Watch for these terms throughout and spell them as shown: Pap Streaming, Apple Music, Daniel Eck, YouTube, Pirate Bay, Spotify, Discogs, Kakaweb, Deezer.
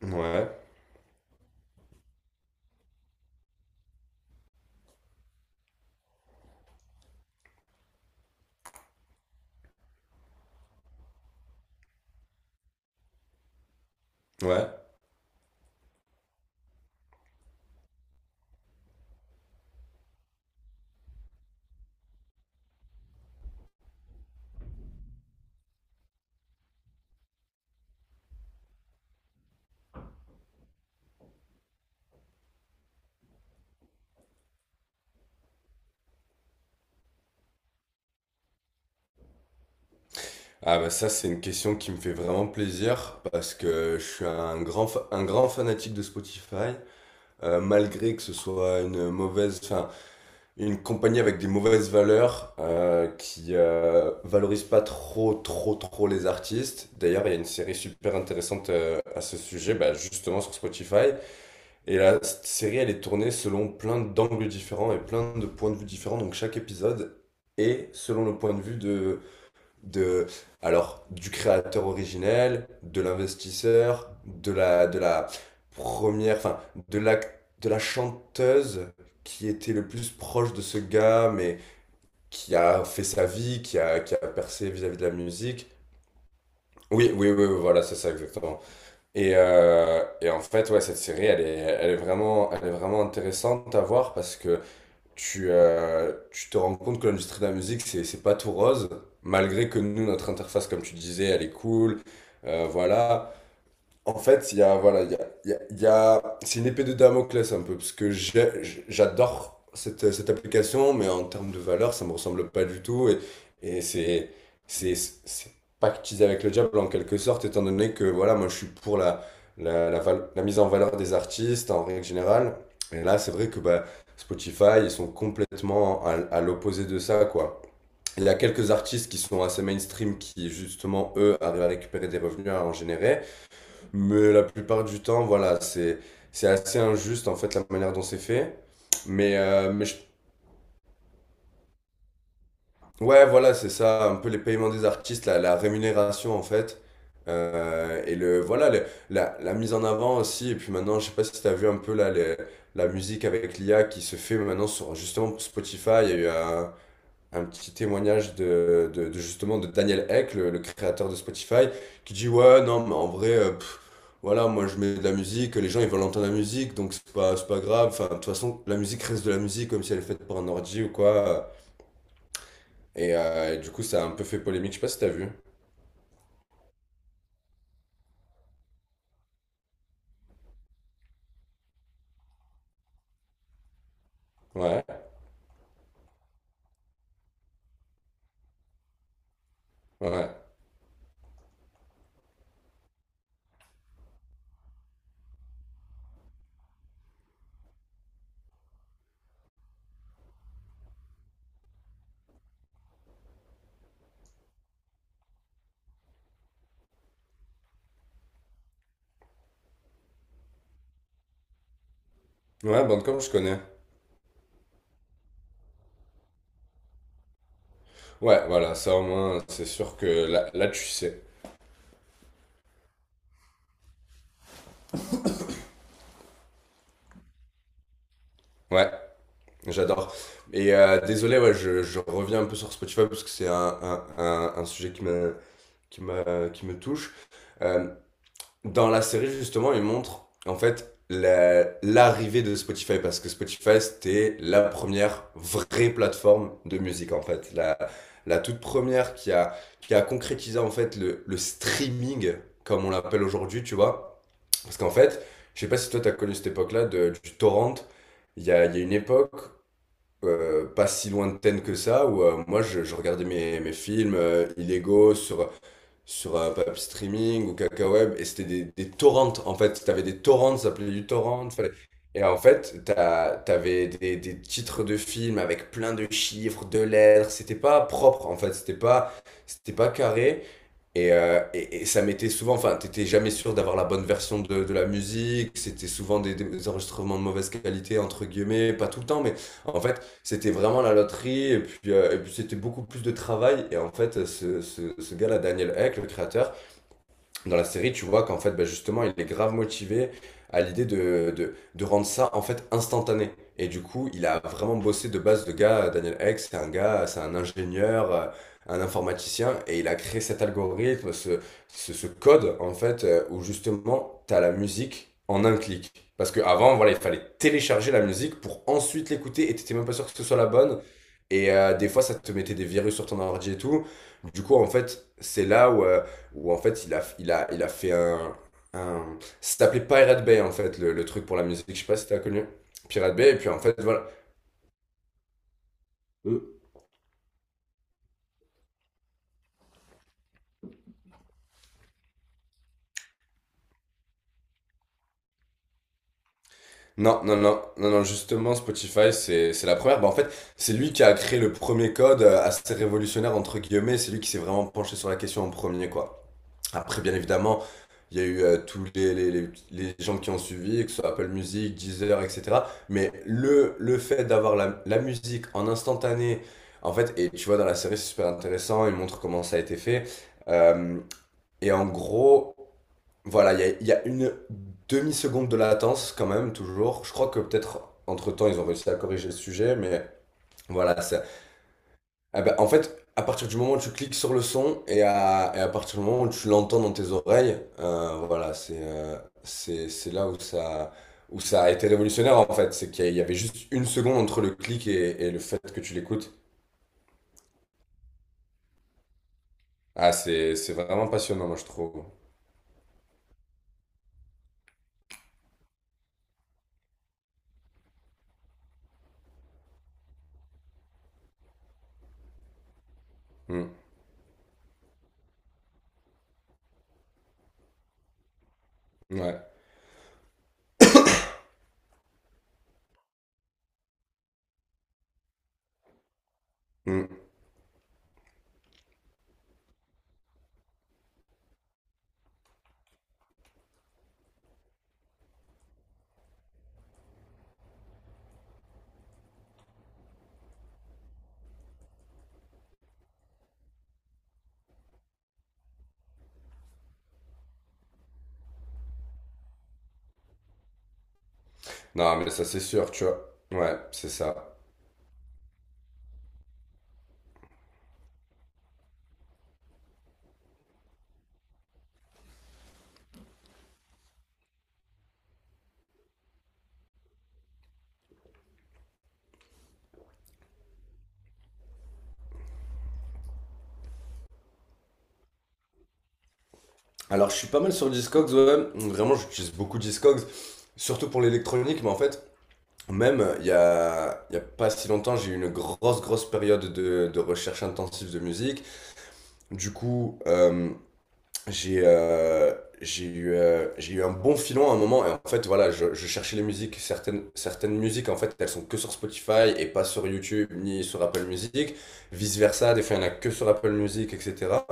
Ouais, ouais. Ah bah ça c'est une question qui me fait vraiment plaisir parce que je suis un grand fanatique de Spotify. Malgré que ce soit une mauvaise une compagnie avec des mauvaises valeurs, qui valorise pas trop trop trop les artistes. D'ailleurs, il y a une série super intéressante à ce sujet, justement sur Spotify, et la série elle est tournée selon plein d'angles différents et plein de points de vue différents, donc chaque épisode est selon le point de vue de alors du créateur originel, de l'investisseur, de la première, enfin de la de la chanteuse qui était le plus proche de ce gars, mais qui a fait sa vie, qui a percé vis-à-vis de la musique. Oui, oui, oui, oui, voilà, c'est ça exactement. Et en fait, ouais, cette série, elle est vraiment intéressante à voir parce que tu te rends compte que l'industrie de la musique, c'est pas tout rose, malgré que nous, notre interface, comme tu disais, elle est cool. Voilà, en fait, il y a, voilà, il y a, il y a- il y a- C'est une épée de Damoclès un peu, parce que j'adore cette application, mais en termes de valeur, ça me ressemble pas du tout, et c'est pactisé avec le diable en quelque sorte, étant donné que, voilà, moi je suis pour la mise en valeur des artistes en règle générale, et là, c'est vrai que Spotify, ils sont complètement à l'opposé de ça, quoi. Il y a quelques artistes qui sont assez mainstream qui, justement, eux, arrivent à récupérer des revenus, à en générer. Mais la plupart du temps, voilà, c'est assez injuste en fait la manière dont c'est fait. Mais, euh, mais je- ouais, voilà, c'est ça, un peu les paiements des artistes, la rémunération en fait. Et le, voilà, le- La mise en avant aussi. Et puis maintenant, je sais pas si tu as vu un peu là, la musique avec l'IA qui se fait maintenant sur justement Spotify. Il y a eu un petit témoignage de Daniel Eck, le créateur de Spotify, qui dit ouais non mais en vrai, voilà moi je mets de la musique, les gens ils veulent entendre la musique, donc c'est pas grave. Enfin de toute façon la musique reste de la musique, comme si elle est faite par un ordi ou quoi. Et du coup ça a un peu fait polémique. Je sais pas si t'as vu. Ouais, ouais, ouais, Bandcamp je connais. Ouais, voilà, ça au moins c'est sûr que là tu sais. Ouais, j'adore. Et désolé, ouais, je reviens un peu sur Spotify parce que c'est un sujet qui qui me touche. Euh, dans la série, justement, il montre en fait l'arrivée de Spotify parce que Spotify, c'était la première vraie plateforme de musique en fait. La toute première qui a concrétisé en fait le streaming, comme on l'appelle aujourd'hui, tu vois. Parce qu'en fait, je sais pas si toi, tu as connu cette époque-là du torrent. Il y a une époque, pas si lointaine que ça, où je regardais mes films illégaux sur Pap Streaming ou Kakaweb, et c'était des torrents, en fait. T'avais des torrents, ça s'appelait du torrent. Et en fait, t'avais des titres de films avec plein de chiffres, de lettres. C'était pas propre, en fait. C'était pas carré. Et, et ça m'était souvent, t'étais jamais sûr d'avoir la bonne version de la musique, c'était souvent des enregistrements de mauvaise qualité, entre guillemets, pas tout le temps, mais en fait, c'était vraiment la loterie, et puis c'était beaucoup plus de travail, et en fait, ce gars-là, Daniel Eck, le créateur, dans la série, tu vois qu'en fait, justement, il est grave motivé à l'idée de rendre ça en fait instantané. Et du coup, il a vraiment bossé de base de gars. Daniel Ek, c'est un gars, c'est un ingénieur, un informaticien, et il a créé cet algorithme, ce code en fait, où justement, tu as la musique en un clic. Parce qu'avant, voilà, il fallait télécharger la musique pour ensuite l'écouter, et t'étais même pas sûr que ce soit la bonne. Et des fois, ça te mettait des virus sur ton ordi et tout. Du coup, en fait, c'est là où, où en fait il a fait ça s'appelait Pirate Bay en fait, le truc pour la musique, je sais pas si t'as connu. Pirate Bay, et puis en fait voilà. Euh, Non, non, non, non, non, justement Spotify c'est la première. En fait, c'est lui qui a créé le premier code, assez révolutionnaire entre guillemets, c'est lui qui s'est vraiment penché sur la question en premier quoi. Après, bien évidemment, il y a eu tous les gens qui ont suivi, que ce soit Apple Music, Deezer, etc. Mais le fait d'avoir la musique en instantané, en fait, et tu vois, dans la série, c'est super intéressant, il montre comment ça a été fait. Euh, et en gros, voilà, il y a une demi-seconde de latence quand même, toujours. Je crois que peut-être entre-temps, ils ont réussi à corriger le sujet, mais voilà, ça, ah bah, en fait, à partir du moment où tu cliques sur le son et et à partir du moment où tu l'entends dans tes oreilles, voilà, c'est là où ça a été révolutionnaire en fait. C'est qu'il y avait juste une seconde entre le clic et le fait que tu l'écoutes. Ah, c'est vraiment passionnant, moi je trouve. Hmm. Ouais. Hmm. Non, mais ça c'est sûr, tu vois. Ouais, c'est ça. Alors, je suis pas mal sur Discogs, ouais. Vraiment, j'utilise beaucoup Discogs, surtout pour l'électronique, mais en fait. Même, il y a pas si longtemps, j'ai eu une grosse, grosse période de recherche intensive de musique. Du coup, j'ai euh, j'ai eu un bon filon à un moment. Et en fait, voilà, je cherchais les musiques. Certaines musiques, en fait, elles sont que sur Spotify et pas sur YouTube ni sur Apple Music. Vice-versa, des fois, il y en a que sur Apple Music, etc.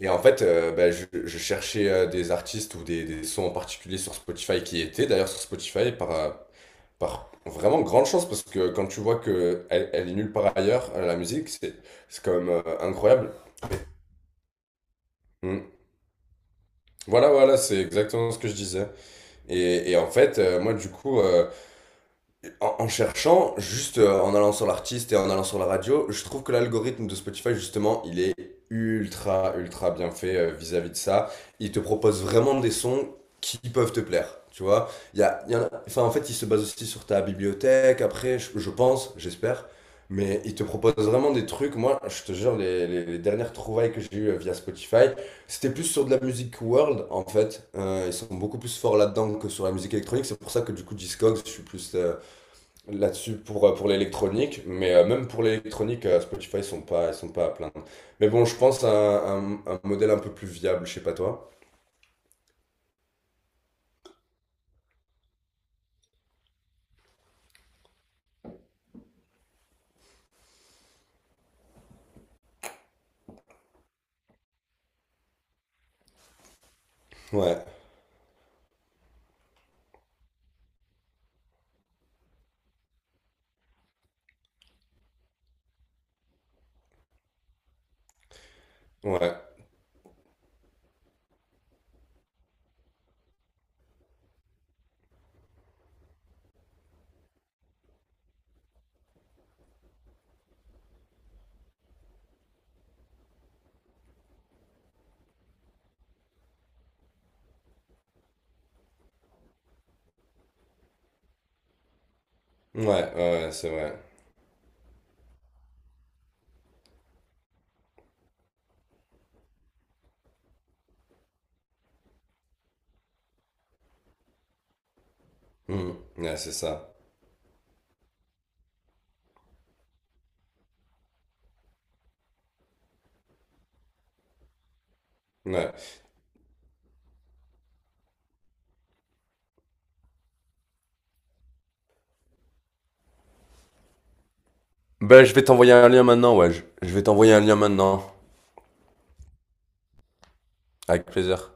Et en fait, je cherchais des artistes ou des sons en particulier sur Spotify qui étaient d'ailleurs sur Spotify par, par vraiment grande chance, parce que quand tu vois que elle est nulle part ailleurs, la musique, c'est quand même, incroyable. Mm. Voilà, voilà, c'est exactement ce que je disais. Et en fait, moi du coup, en cherchant, juste en allant sur l'artiste et en allant sur la radio, je trouve que l'algorithme de Spotify, justement, il est ultra, ultra bien fait vis-à-vis de ça. Il te propose vraiment des sons qui peuvent te plaire, tu vois. Il y a, il y en a- enfin, En fait, il se base aussi sur ta bibliothèque, après, je pense, j'espère. Mais il te propose vraiment des trucs. Moi, je te jure, les dernières trouvailles que j'ai eues via Spotify, c'était plus sur de la musique world, en fait. Ils sont beaucoup plus forts là-dedans que sur la musique électronique. C'est pour ça que, du coup, Discogs, je suis plus... là-dessus pour l'électronique, mais même pour l'électronique, Spotify, ils sont pas à plaindre. Mais bon, je pense à un modèle un peu plus viable, je sais pas toi. Ouais, ouais, ouais, ouais, c'est vrai. Hmm. Ouais, c'est ça. Ouais. Ben, je vais t'envoyer un lien maintenant, ouais. Je vais t'envoyer un lien maintenant. Avec plaisir.